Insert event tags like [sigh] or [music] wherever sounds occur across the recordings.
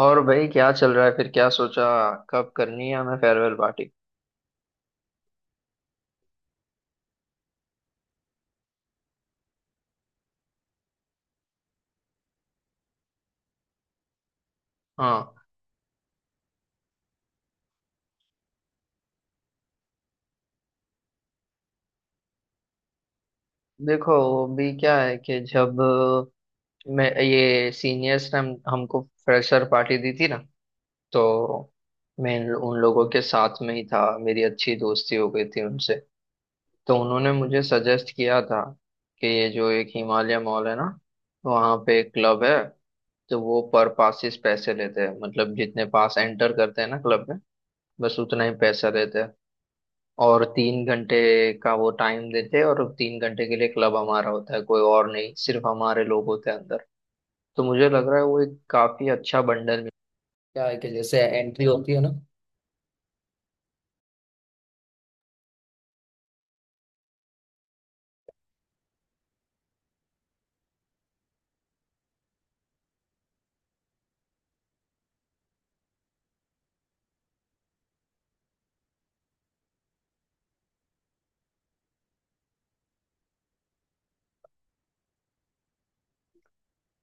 और भाई, क्या चल रहा है? फिर क्या सोचा, कब करनी है हमें फेयरवेल पार्टी? हाँ, देखो अभी क्या है कि जब मैं, ये सीनियर्स ने हमको फ्रेशर पार्टी दी थी ना, तो मैं उन लोगों के साथ में ही था, मेरी अच्छी दोस्ती हो गई थी उनसे। तो उन्होंने मुझे सजेस्ट किया था कि ये जो एक हिमालय मॉल है ना, वहाँ पे एक क्लब है। तो वो पर पासिस पैसे लेते हैं, मतलब जितने पास एंटर करते हैं ना क्लब में, बस उतना ही पैसा लेते हैं। और 3 घंटे का वो टाइम देते हैं, और 3 घंटे के लिए क्लब हमारा होता है, कोई और नहीं, सिर्फ हमारे लोग होते हैं अंदर। तो मुझे लग रहा है वो एक काफी अच्छा बंडल मिल, क्या है कि जैसे एंट्री होती है ना।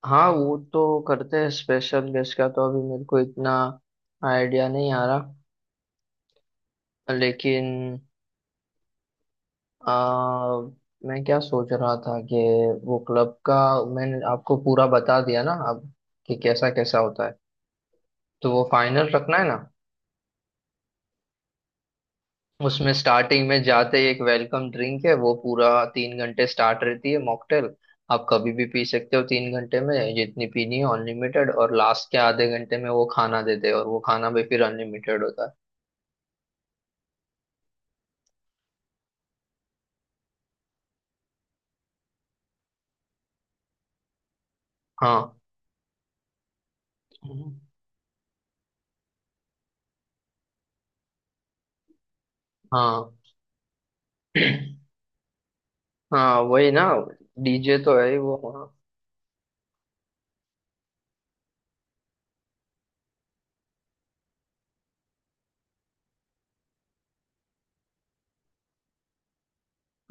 हाँ, वो तो करते हैं। स्पेशल गेस्ट का तो अभी मेरे को इतना आइडिया नहीं आ रहा। लेकिन आ, मैं क्या सोच रहा था कि वो क्लब का, मैंने आपको पूरा बता दिया ना अब कि कैसा कैसा होता है, तो वो फाइनल रखना है ना। उसमें स्टार्टिंग में जाते ही एक वेलकम ड्रिंक है, वो पूरा 3 घंटे स्टार्ट रहती है मॉकटेल। आप कभी भी पी सकते हो, 3 घंटे में जितनी पीनी है अनलिमिटेड। और लास्ट के आधे घंटे में वो खाना देते हैं, और वो खाना भी फिर अनलिमिटेड होता है। हाँ। हम्म। हाँ। [clears throat] हाँ, वही ना। डीजे तो है ही वो। हाँ।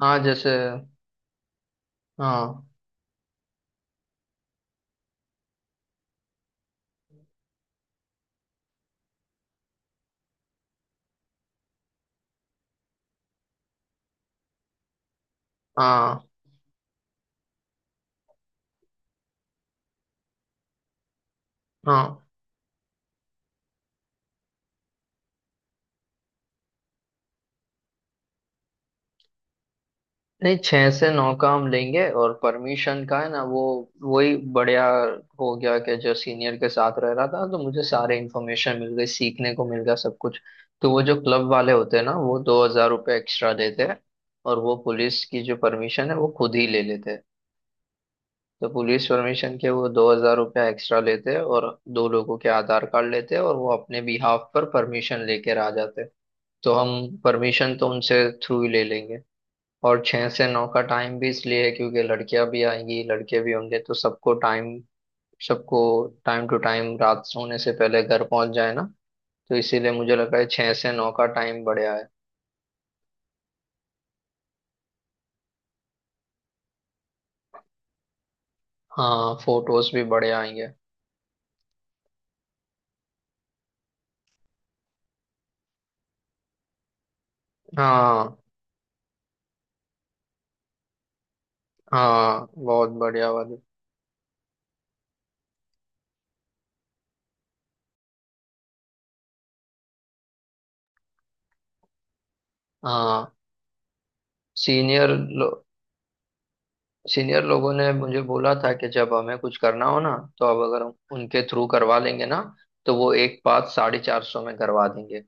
हाँ, जैसे। हाँ। हाँ। हाँ। नहीं, 6 से 9 का हम लेंगे। और परमिशन का है ना वो, वही बढ़िया। हो गया कि जो सीनियर के साथ रह रहा था, तो मुझे सारे इन्फॉर्मेशन मिल गई, सीखने को मिल गया सब कुछ। तो वो जो क्लब वाले होते हैं ना, वो 2000 रुपये एक्स्ट्रा देते हैं। और वो पुलिस की जो परमिशन है, वो खुद ही ले लेते हैं। तो पुलिस परमिशन के वो 2000 रुपया एक्स्ट्रा लेते हैं, और दो लोगों के आधार कार्ड लेते हैं, और वो अपने बिहाफ पर परमिशन लेकर आ जाते हैं। तो हम परमिशन तो उनसे थ्रू ही ले लेंगे। और 6 से 9 का टाइम भी इसलिए है क्योंकि लड़कियां भी आएंगी, लड़के भी होंगे, तो सबको टाइम, सबको टाइम टू टाइम रात सोने से पहले घर पहुंच जाए ना। तो इसीलिए मुझे लगा है 6 से 9 का टाइम बढ़िया है। हाँ, फोटोज भी बढ़िया आएंगे। हाँ। हाँ, बहुत बढ़िया वाली। हाँ। सीनियर लो, सीनियर लोगों ने मुझे बोला था कि जब हमें कुछ करना हो ना, तो अब अगर हम उनके थ्रू करवा लेंगे ना, तो वो एक बात 450 में करवा देंगे।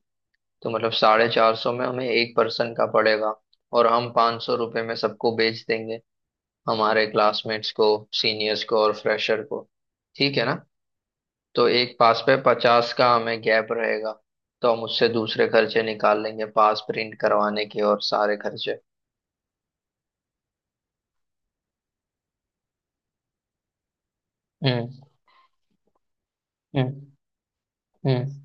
तो मतलब 450 में हमें एक पर्सन का पड़ेगा, और हम 500 रुपये में सबको बेच देंगे, हमारे क्लासमेट्स को, सीनियर्स को, और फ्रेशर को। ठीक है ना? तो एक पास पे 50 का हमें गैप रहेगा, तो हम उससे दूसरे खर्चे निकाल लेंगे, पास प्रिंट करवाने के और सारे खर्चे। हम्म। हम्म। हम्म।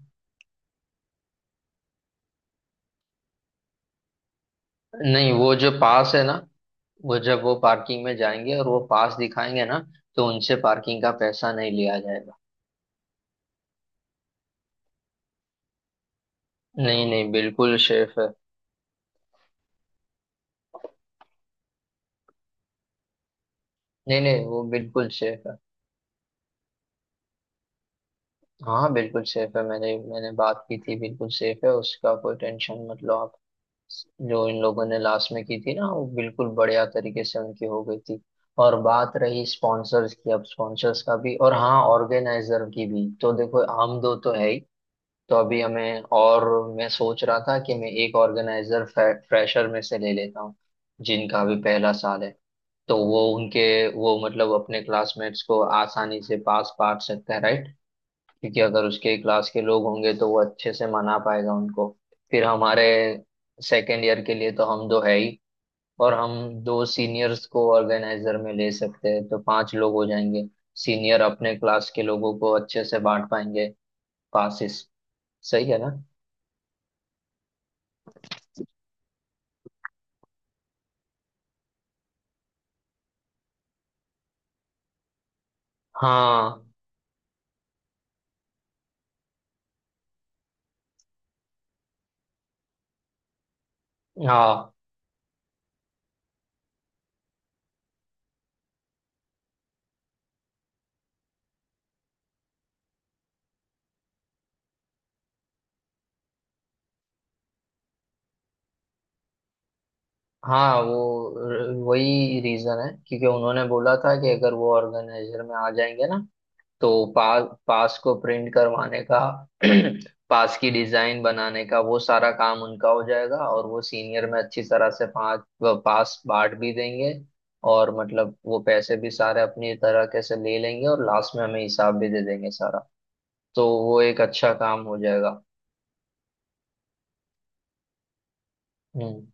नहीं, वो जो पास है ना, वो जब वो पार्किंग में जाएंगे और वो पास दिखाएंगे ना, तो उनसे पार्किंग का पैसा नहीं लिया जाएगा। नहीं नहीं, बिल्कुल शेफ है। नहीं नहीं, वो बिल्कुल सेफ है। हाँ, बिल्कुल सेफ है, मैंने मैंने बात की थी, बिल्कुल सेफ है, उसका कोई टेंशन, मतलब आप। जो इन लोगों ने लास्ट में की थी ना, वो बिल्कुल बढ़िया तरीके से उनकी हो गई थी। और बात रही स्पॉन्सर्स की, अब स्पॉन्सर्स का भी और हाँ, ऑर्गेनाइजर की भी, तो देखो हम दो तो है ही। तो अभी हमें और, मैं सोच रहा था कि मैं एक ऑर्गेनाइजर फ्रेशर में से ले लेता हूँ, जिनका अभी पहला साल है। तो वो उनके, वो मतलब अपने क्लासमेट्स को आसानी से पास बांट सकता है, राइट? क्योंकि अगर उसके क्लास के लोग होंगे, तो वो अच्छे से मना पाएगा उनको। फिर हमारे सेकेंड ईयर के लिए तो हम दो है ही, और हम दो सीनियर्स को ऑर्गेनाइजर में ले सकते हैं, तो पांच लोग हो जाएंगे। सीनियर अपने क्लास के लोगों को अच्छे से बांट पाएंगे पासिस। सही है ना? हाँ। हाँ, हाँ वो वही रीजन है, क्योंकि उन्होंने बोला था कि अगर वो ऑर्गेनाइजर में आ जाएंगे ना, तो पास पास को प्रिंट करवाने का, [clears throat] पास की डिजाइन बनाने का, वो सारा काम उनका हो जाएगा। और वो सीनियर में अच्छी तरह से पास पास बांट भी देंगे। और मतलब वो पैसे भी सारे अपनी तरह के से ले लेंगे, और लास्ट में हमें हिसाब भी दे देंगे सारा। तो वो एक अच्छा काम हो जाएगा। हम्म।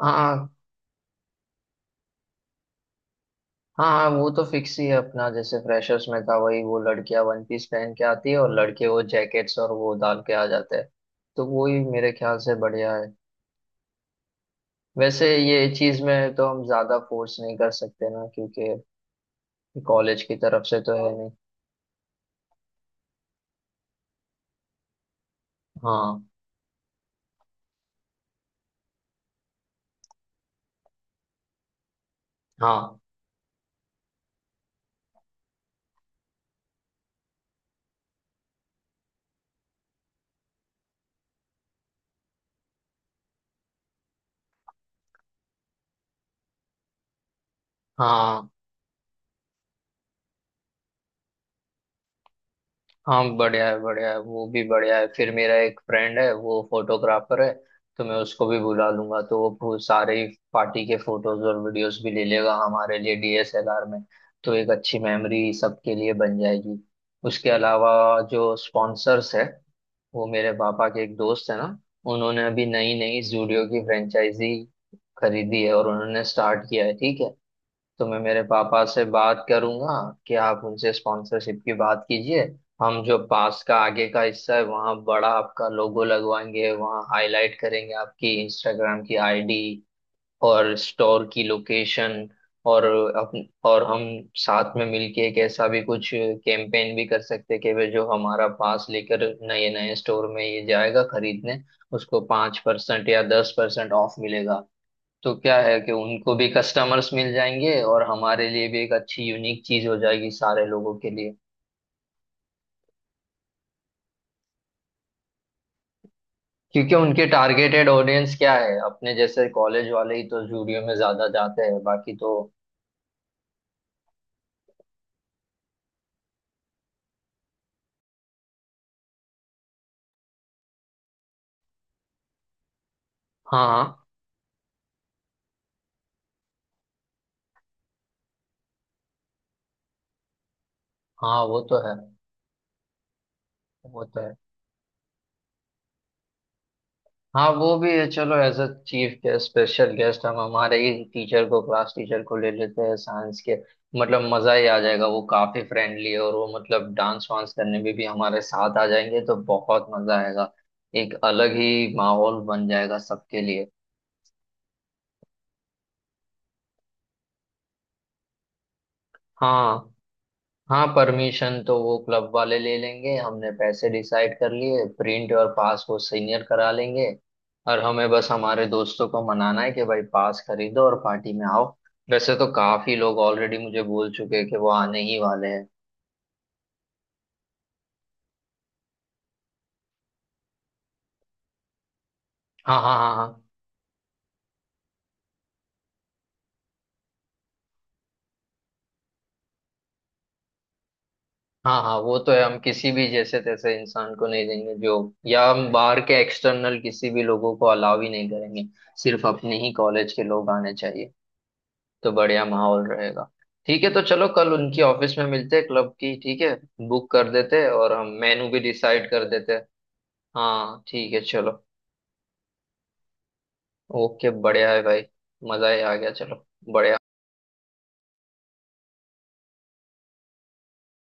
हाँ हाँ। हाँ, वो तो फिक्स ही है अपना, जैसे फ्रेशर्स में था वही, वो लड़कियां वन पीस पहन के आती है, और लड़के वो जैकेट्स और वो डाल के आ जाते हैं। तो वो ही मेरे ख्याल से बढ़िया है। वैसे ये चीज में तो हम ज्यादा फोर्स नहीं कर सकते ना, क्योंकि कॉलेज की तरफ से तो है नहीं। हाँ। हाँ। हाँ। हाँ, बढ़िया है, बढ़िया है, वो भी बढ़िया है। फिर मेरा एक फ्रेंड है, वो फोटोग्राफर है, तो मैं उसको भी बुला लूंगा, तो वो सारे ही पार्टी के फोटोज और वीडियोस भी ले लेगा हमारे लिए डीएसएलआर में। तो एक अच्छी मेमोरी सबके लिए बन जाएगी। उसके अलावा जो स्पॉन्सर्स है, वो मेरे पापा के एक दोस्त है ना, उन्होंने अभी नई नई जूडियो की फ्रेंचाइजी खरीदी है, और उन्होंने स्टार्ट किया है, ठीक है। तो मैं मेरे पापा से बात करूंगा कि आप उनसे स्पॉन्सरशिप की बात कीजिए। हम जो पास का आगे का हिस्सा है, वहाँ बड़ा आपका लोगो लगवाएंगे, वहाँ हाईलाइट करेंगे आपकी इंस्टाग्राम की आईडी और स्टोर की लोकेशन। और और हम साथ में मिलके एक ऐसा भी कुछ कैंपेन भी कर सकते हैं कि वे जो हमारा पास लेकर नए नए स्टोर में ये जाएगा खरीदने, उसको 5% या 10% ऑफ मिलेगा। तो क्या है कि उनको भी कस्टमर्स मिल जाएंगे, और हमारे लिए भी एक अच्छी यूनिक चीज हो जाएगी सारे लोगों के लिए। क्योंकि उनके टारगेटेड ऑडियंस क्या है? अपने जैसे कॉलेज वाले ही तो स्टूडियो में ज्यादा जाते हैं, बाकी तो। हाँ। हाँ, वो तो है। वो तो है। हाँ, वो भी है। चलो, as a chief guest special guest हम हमारे ही टीचर को, क्लास टीचर को ले लेते हैं, साइंस के। मतलब मजा ही आ जाएगा, वो काफी फ्रेंडली है, और वो मतलब डांस वांस करने में भी हमारे साथ आ जाएंगे, तो बहुत मजा आएगा, एक अलग ही माहौल बन जाएगा सबके लिए। हाँ। हाँ, परमिशन तो वो क्लब वाले ले लेंगे, हमने पैसे डिसाइड कर लिए, प्रिंट और पास वो सीनियर करा लेंगे। और हमें बस हमारे दोस्तों को मनाना है कि भाई, पास खरीदो और पार्टी में आओ। वैसे तो काफी लोग ऑलरेडी मुझे बोल चुके हैं कि वो आने ही वाले हैं। हाँ। हाँ। हाँ। हाँ। हाँ। हाँ, वो तो है। हम किसी भी जैसे तैसे इंसान को नहीं देंगे जो, या हम बाहर के एक्सटर्नल किसी भी लोगों को अलाउ ही नहीं करेंगे। सिर्फ अपने ही कॉलेज के लोग आने चाहिए, तो बढ़िया माहौल रहेगा। ठीक है, तो चलो कल उनकी ऑफिस में मिलते हैं, क्लब की, ठीक है, बुक कर देते हैं, और हम मेनू भी डिसाइड कर देते हैं। हाँ, ठीक है, चलो। ओके, बढ़िया है भाई, मजा ही आ गया, चलो। बढ़िया।